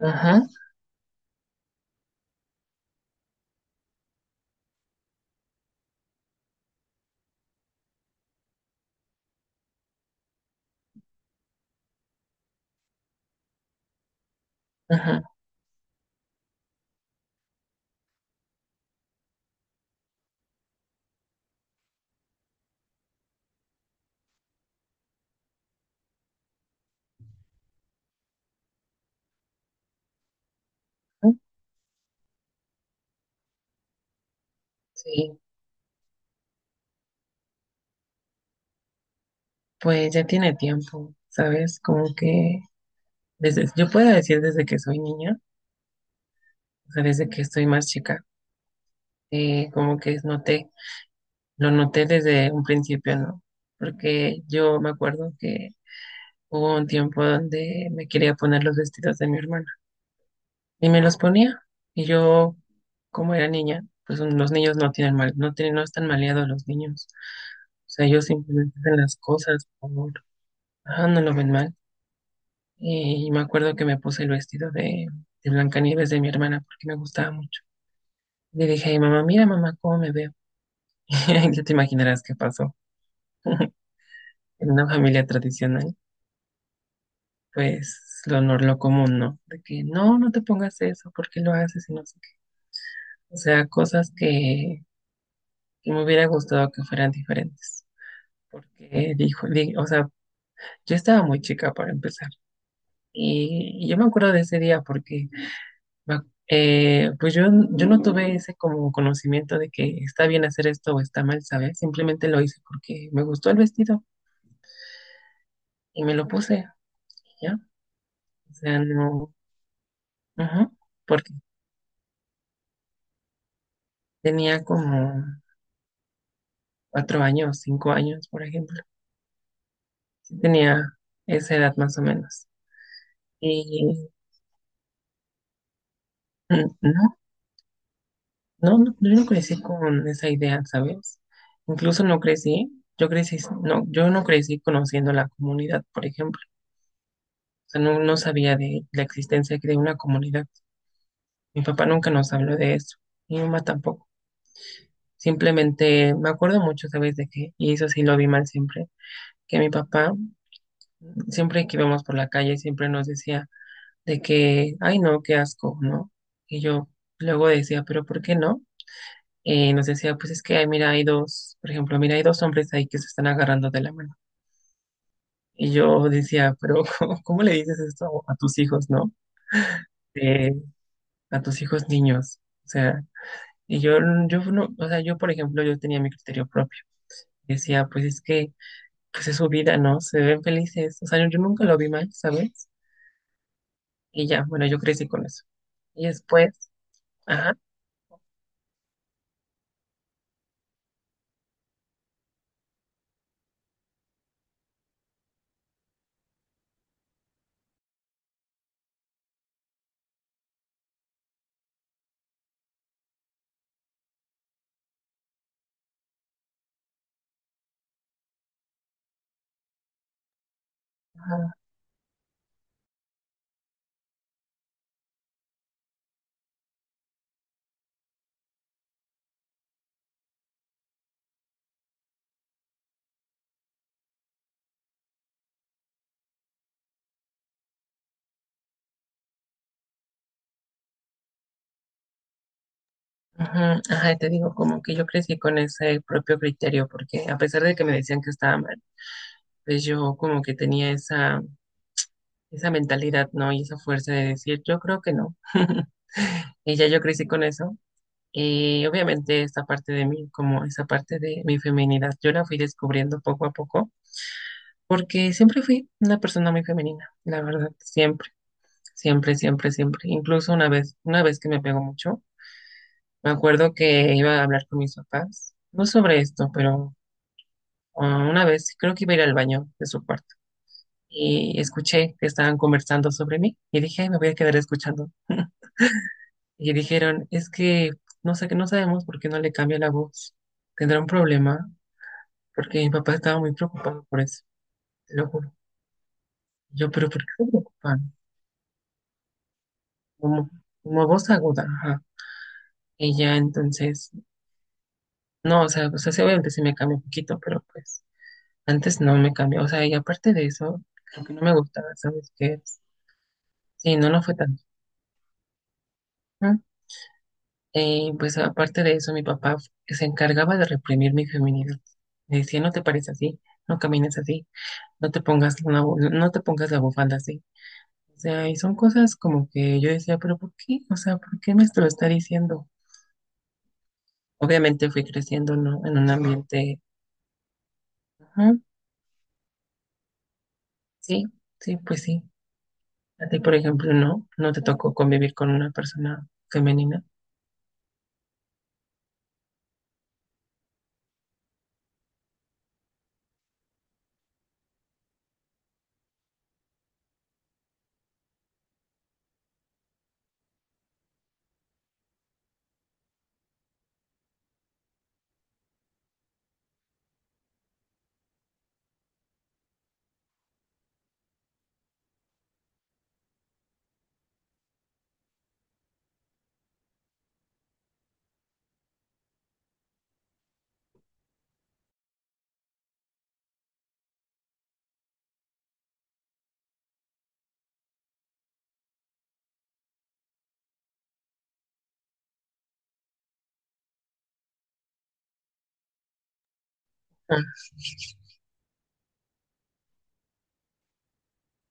Ajá, ajá, ajá, sí, pues ya tiene tiempo, ¿sabes? Como que desde, yo puedo decir desde que soy niña, o sea, desde que estoy más chica, como que noté, lo noté desde un principio, ¿no? Porque yo me acuerdo que hubo un tiempo donde me quería poner los vestidos de mi hermana y me los ponía y yo, como era niña, pues los niños no tienen mal, no tienen, no están maleados los niños, o sea, ellos simplemente hacen las cosas por, ajá, no lo ven mal. Y me acuerdo que me puse el vestido de Blancanieves de mi hermana porque me gustaba mucho. Le dije a mi mamá, mira mamá, cómo me veo. Ya te imaginarás qué pasó. En una familia tradicional, pues lo común, ¿no? De que no, no te pongas eso, ¿por qué lo haces? Y no sé qué. O sea, cosas que me hubiera gustado que fueran diferentes. Porque dijo, o sea, yo estaba muy chica para empezar. Y yo me acuerdo de ese día porque pues yo no tuve ese como conocimiento de que está bien hacer esto o está mal, ¿sabes? Simplemente lo hice porque me gustó el vestido y me lo puse, ¿ya? O sea, no, ajá, porque tenía como 4 años, 5 años, por ejemplo. Sí tenía esa edad más o menos. Y no, no, no, yo no crecí con esa idea, ¿sabes? Incluso no crecí, yo crecí, no, yo no crecí conociendo la comunidad, por ejemplo. Sea, no, no sabía de la existencia de una comunidad. Mi papá nunca nos habló de eso, mi mamá tampoco. Simplemente me acuerdo mucho, ¿sabes de qué? Y eso sí lo vi mal siempre, que mi papá, siempre que íbamos por la calle, siempre nos decía de que, ay no, qué asco, ¿no? Y yo luego decía, pero ¿por qué no? Y nos decía, pues es que, ay, mira, hay dos, por ejemplo, mira, hay dos hombres ahí que se están agarrando de la mano. Y yo decía, pero ¿cómo le dices esto a tus hijos, ¿no? Eh, a tus hijos niños. O sea, yo no, o sea, yo por ejemplo, yo tenía mi criterio propio. Decía, pues es que, pues es su vida, ¿no? Se ven felices. O sea, yo nunca lo vi mal, ¿sabes? Y ya, bueno, yo crecí con eso. Y después, ajá, ajá, ajá, te digo, como que yo crecí con ese propio criterio, porque a pesar de que me decían que estaba mal, pues yo como que tenía esa mentalidad, ¿no? Y esa fuerza de decir, yo creo que no. Y ya yo crecí con eso. Y obviamente esta parte de mí, como esa parte de mi feminidad, yo la fui descubriendo poco a poco, porque siempre fui una persona muy femenina, la verdad, siempre, siempre, siempre, siempre. Incluso una vez que me pegó mucho, me acuerdo que iba a hablar con mis papás, no sobre esto, pero una vez creo que iba a ir al baño de su cuarto y escuché que estaban conversando sobre mí y dije, "Ay, me voy a quedar escuchando." Y dijeron, es que no sé, que no sabemos por qué no le cambia la voz. ¿Tendrá un problema? Porque mi papá estaba muy preocupado por eso, te lo juro. Yo, pero ¿por qué se preocupan? Como, como voz aguda, ajá. Y ya entonces, no, o sea, sí, obviamente se me cambió un poquito, pero pues antes no me cambió. O sea, y aparte de eso, lo que no me gustaba, ¿sabes qué? Sí, no, no fue tanto. ¿No? Y pues aparte de eso, mi papá se encargaba de reprimir mi feminidad. Me decía, no te pares así, no camines así, no te pongas una, no te pongas la bufanda así. O sea, y son cosas como que yo decía, pero ¿por qué? O sea, ¿por qué me lo está diciendo? Obviamente fui creciendo, ¿no? En un ambiente, ajá, sí, sí, pues sí. A ti, por ejemplo, no, no te tocó convivir con una persona femenina.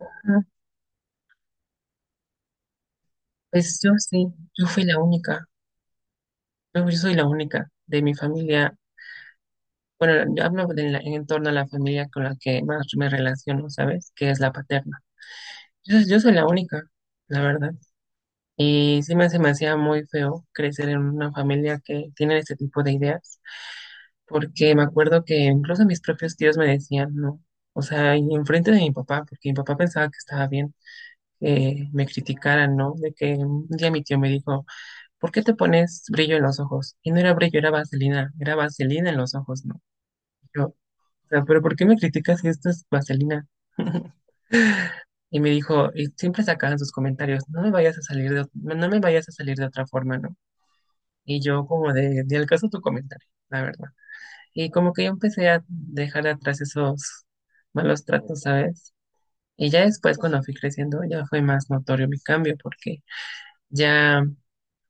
Ajá. Pues yo sí, yo fui la única, yo soy la única de mi familia. Bueno, yo hablo de en torno a la familia con la que más me relaciono, ¿sabes? Que es la paterna. Yo soy la única, la verdad. Y sí me, se me hacía muy feo crecer en una familia que tiene este tipo de ideas, porque me acuerdo que incluso mis propios tíos me decían, no, o sea, y enfrente de mi papá, porque mi papá pensaba que estaba bien, que me criticaran, ¿no? De que un día mi tío me dijo, ¿por qué te pones brillo en los ojos? Y no era brillo, era vaselina en los ojos, ¿no? Yo, o sea, pero ¿por qué me criticas si esto es vaselina? Y me dijo, y siempre sacaban sus comentarios, no me vayas a salir de, no me vayas a salir de otra forma, ¿no? Y yo como de al caso tu comentario, la verdad. Y como que yo empecé a dejar atrás esos malos tratos, ¿sabes? Y ya después cuando fui creciendo ya fue más notorio mi cambio porque ya,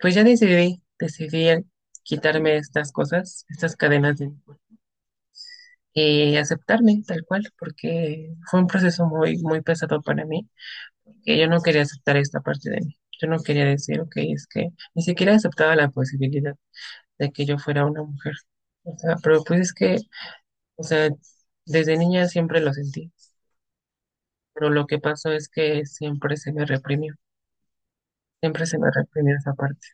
pues ya decidí, decidí el quitarme estas cosas, estas cadenas de, y aceptarme tal cual porque fue un proceso muy, muy pesado para mí, que yo no quería aceptar esta parte de mí. Yo no quería decir, ok, es que ni siquiera aceptaba la posibilidad de que yo fuera una mujer. O sea, pero pues es que, o sea, desde niña siempre lo sentí, pero lo que pasó es que siempre se me reprimió, siempre se me reprimió esa parte.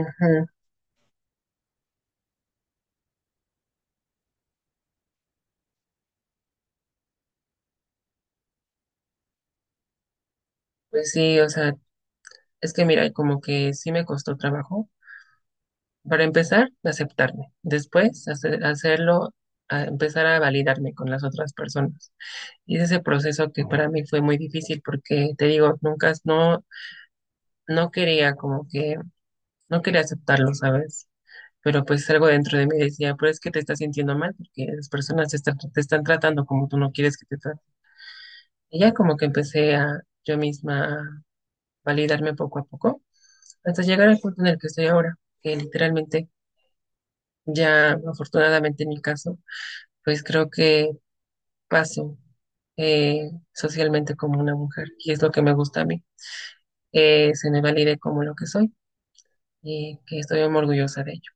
Ujú. Pues sí, o sea, es que mira, como que sí me costó trabajo. Para empezar, aceptarme. Después, hacerlo, a empezar a validarme con las otras personas. Y es ese proceso que para mí fue muy difícil porque, te digo, nunca, no, no quería como que, no quería aceptarlo, ¿sabes? Pero pues algo dentro de mí decía, pero es que te estás sintiendo mal porque las personas te están tratando como tú no quieres que te traten. Y ya como que empecé a yo misma a validarme poco a poco hasta llegar al punto en el que estoy ahora, que literalmente ya afortunadamente en mi caso, pues creo que paso socialmente como una mujer y es lo que me gusta a mí, que se me valide como lo que soy y que estoy muy orgullosa de ello.